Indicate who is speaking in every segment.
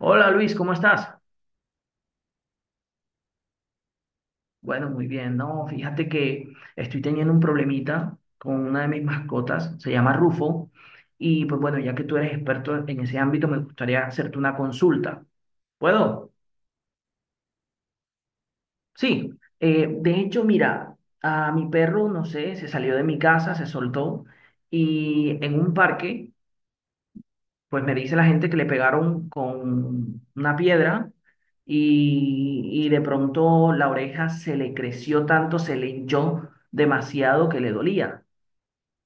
Speaker 1: Hola Luis, ¿cómo estás? Bueno, muy bien. No, fíjate que estoy teniendo un problemita con una de mis mascotas, se llama Rufo, y pues bueno, ya que tú eres experto en ese ámbito, me gustaría hacerte una consulta. ¿Puedo? Sí. Eh, de hecho, mira, a mi perro, no sé, se salió de mi casa, se soltó, y en un parque pues me dice la gente que le pegaron con una piedra y, y de pronto la oreja se le creció tanto, se le hinchó demasiado que le dolía.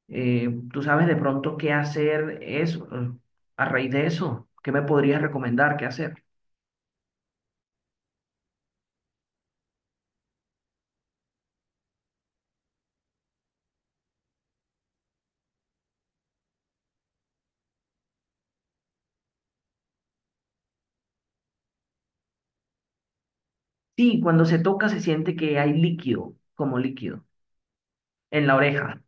Speaker 1: Eh, ¿tú sabes de pronto qué hacer eso, eh, a raíz de eso? ¿Qué me podrías recomendar qué hacer? Sí, cuando se toca se siente que hay líquido, como líquido, en la oreja.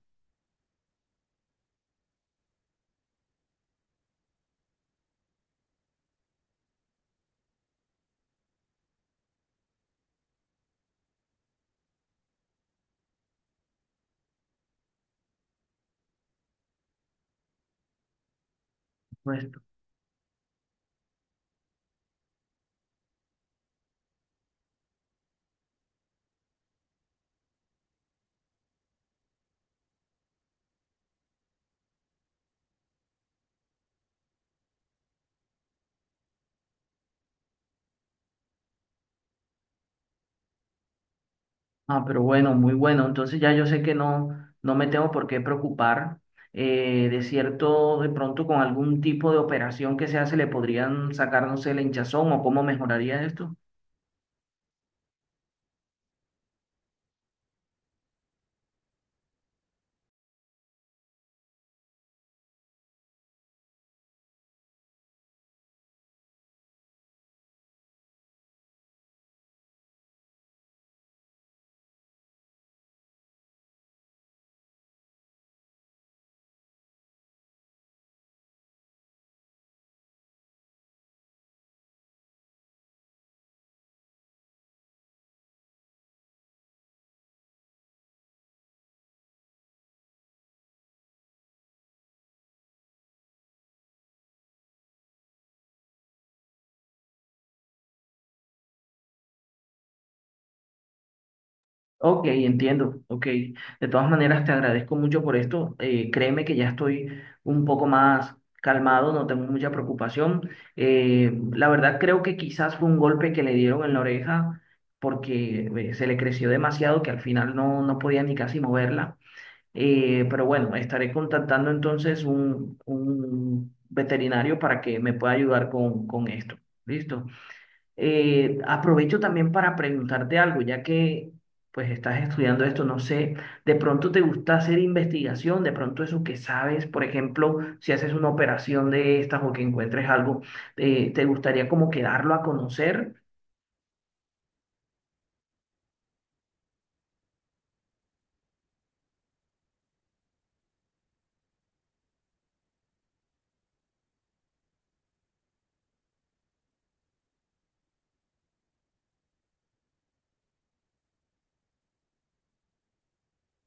Speaker 1: Pues Ah, pero bueno, muy bueno. Entonces ya yo sé que no, no me tengo por qué preocupar. eh, de cierto, de pronto con algún tipo de operación que se hace le podrían sacar, no sé, la hinchazón o cómo mejoraría esto. Ok, entiendo. Ok. De todas maneras, te agradezco mucho por esto. eh, créeme que ya estoy un poco más calmado, no tengo mucha preocupación. eh, la verdad creo que quizás fue un golpe que le dieron en la oreja porque eh, se le creció demasiado que al final no, no podía ni casi moverla. Eh, pero bueno, estaré contactando entonces un, un veterinario para que me pueda ayudar con, con esto. ¿Listo? Eh, aprovecho también para preguntarte algo, ya que pues estás estudiando esto, no sé, de pronto te gusta hacer investigación, de pronto eso que sabes, por ejemplo, si haces una operación de estas o que encuentres algo, eh, ¿te gustaría como que darlo a conocer?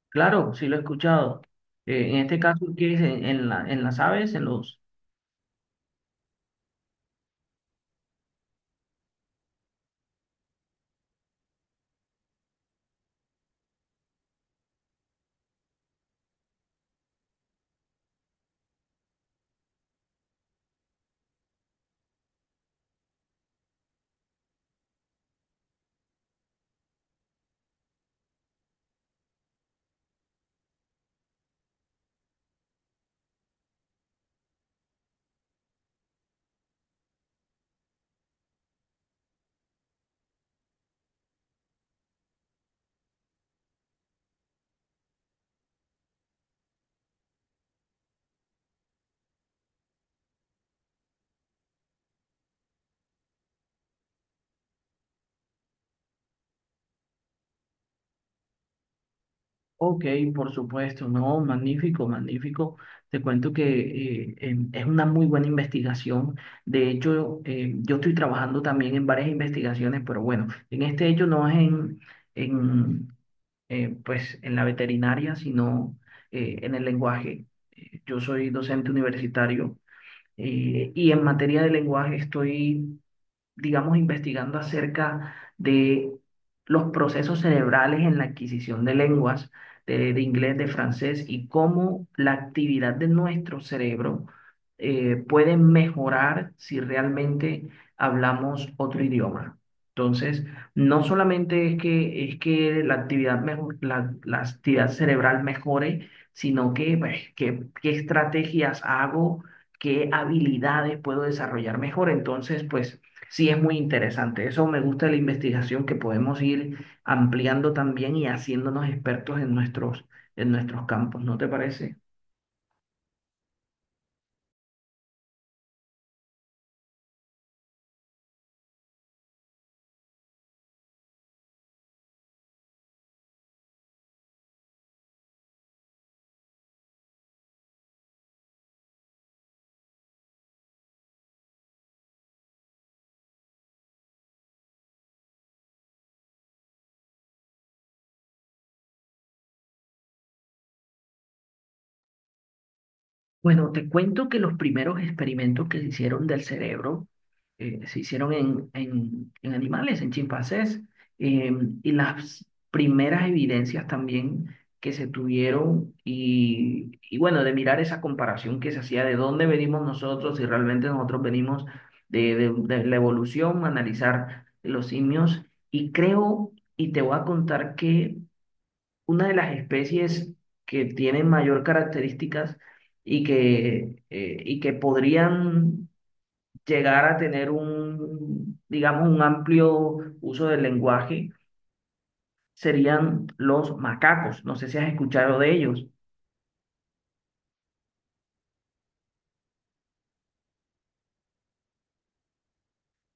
Speaker 1: Claro, sí lo he escuchado. Eh, en este caso, ¿qué es? ¿En, en la- en las aves, en los... Ok, por supuesto, no, magnífico, magnífico. Te cuento que eh, em, es una muy buena investigación. De hecho, eh, yo estoy trabajando también en varias investigaciones, pero bueno, en este hecho no es en, en, eh, pues, en la veterinaria, sino eh, en el lenguaje. Eh, Yo soy docente universitario eh, y en materia de lenguaje estoy digamos, investigando acerca de los procesos cerebrales en la adquisición de lenguas, de, de inglés, de francés, y cómo la actividad de nuestro cerebro eh, puede mejorar si realmente hablamos otro idioma. Entonces, no solamente es que, es que la actividad, mejor, la, la actividad cerebral mejore, sino que, pues, qué qué estrategias hago, qué habilidades puedo desarrollar mejor. Entonces, pues Sí, es muy interesante. Eso me gusta de la investigación, que podemos ir ampliando también y haciéndonos expertos en nuestros, en nuestros campos, ¿no te parece? Bueno, te cuento que los primeros experimentos que se hicieron del cerebro eh, se hicieron en, en, en animales, en chimpancés, eh, y las primeras evidencias también que se tuvieron y, y bueno, de mirar esa comparación que se hacía de dónde venimos nosotros, si realmente nosotros venimos de, de, de la evolución, analizar los simios, y creo, y te voy a contar que una de las especies que tienen mayor características y que, eh, y que podrían llegar a tener un, digamos, un amplio uso del lenguaje serían los macacos. No sé si has escuchado de ellos.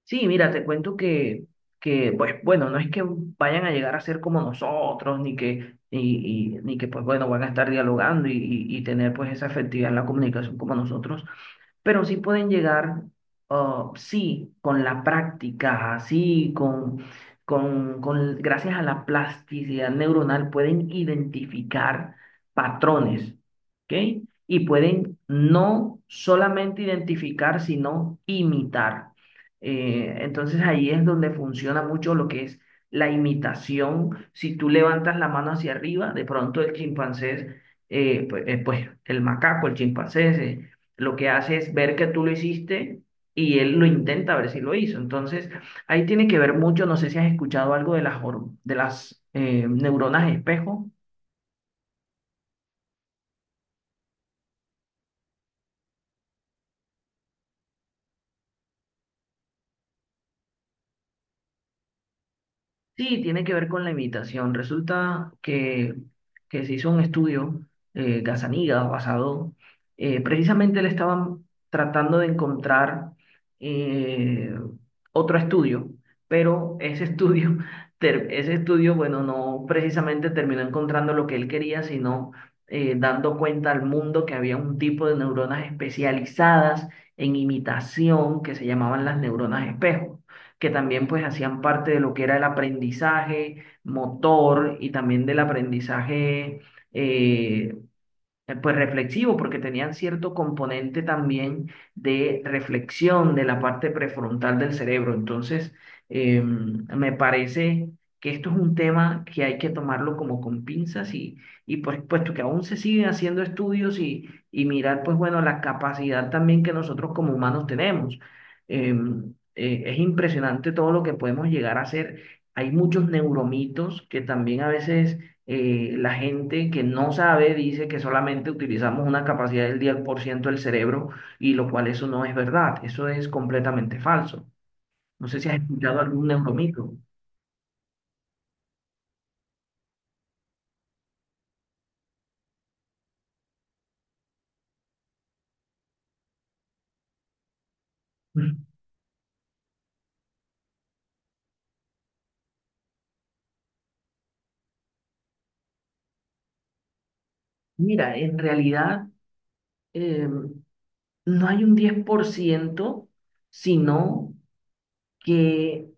Speaker 1: Sí, mira, te cuento que, que pues bueno, no es que vayan a llegar a ser como nosotros, ni que, y y- ni que pues bueno, van a estar dialogando y, y y tener pues esa efectividad en la comunicación como nosotros pero sí pueden llegar, ah, sí, con la práctica, sí, con, con, con, gracias a la plasticidad neuronal pueden identificar patrones, ¿ok? Y pueden no solamente identificar, sino imitar. Eh, entonces ahí es donde funciona mucho lo que es la imitación. Si tú levantas la mano hacia arriba, de pronto el chimpancé, eh, pues, eh, pues, el macaco, el chimpancé, se- lo que hace es ver que tú lo hiciste y él lo intenta ver si lo hizo. Entonces, ahí tiene que ver mucho, no sé si has escuchado algo de las, hor- de las eh, neuronas espejo. Sí, tiene que ver con la imitación. Resulta que, que se hizo un estudio, eh, Gazzaniga, basado, eh, precisamente le estaban tratando de encontrar eh, otro estudio, pero ese estudio, ter- ese estudio, bueno, no precisamente terminó encontrando lo que él quería, sino eh, dando cuenta al mundo que había un tipo de neuronas especializadas en imitación que se llamaban las neuronas espejo que también pues hacían parte de lo que era el aprendizaje motor y también del aprendizaje eh, eh, pues reflexivo, porque tenían cierto componente también de reflexión de la parte prefrontal del cerebro. Entonces, eh, me parece que esto es un tema que hay que tomarlo como con pinzas y, y por supuesto que aún se siguen haciendo estudios y, y mirar, pues bueno, la capacidad también que nosotros como humanos tenemos. Eh, eh, es impresionante todo lo que podemos llegar a hacer. Hay muchos neuromitos que también a veces eh, la gente que no sabe dice que solamente utilizamos una capacidad del 10% del cerebro y lo cual eso no es verdad, eso es completamente falso. No sé si has escuchado algún neuromito. Mm. Mira, en realidad eh, no hay un 10% sino que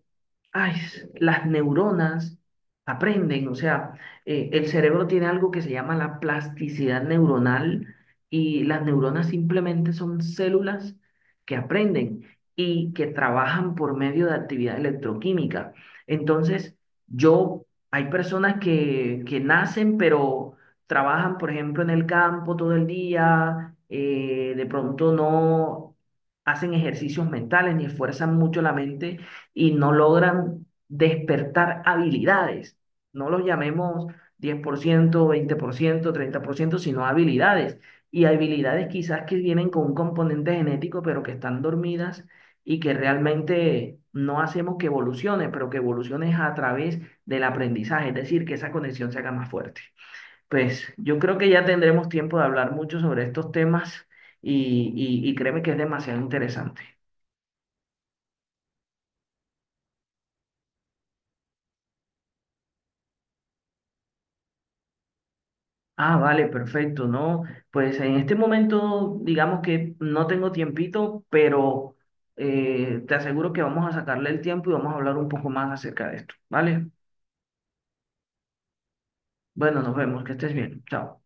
Speaker 1: ay, las neuronas aprenden, o sea, eh, el cerebro tiene algo que se llama la plasticidad neuronal y las neuronas simplemente son células que aprenden y que trabajan por medio de actividad electroquímica. Entonces, yo, hay personas que, que nacen, pero trabajan, por ejemplo, en el campo todo el día, eh, de pronto no hacen ejercicios mentales ni esfuerzan mucho la mente y no logran despertar habilidades. No los llamemos diez por por ciento ciento veinte por ciento, treinta por ciento sino habilidades. Y habilidades quizás que vienen con un componente genético, pero que están dormidas y que realmente no hacemos que evolucione, pero que evolucione a través del aprendizaje, es decir, que esa conexión se haga más fuerte. Pues yo creo que ya tendremos tiempo de hablar mucho sobre estos temas y, y, y créeme que es demasiado interesante. Ah, vale, perfecto, ¿no? Pues en este momento, digamos que no tengo tiempito, pero eh, te aseguro que vamos a sacarle el tiempo y vamos a hablar un poco más acerca de esto, ¿vale? Bueno, nos vemos, que estés bien, chao.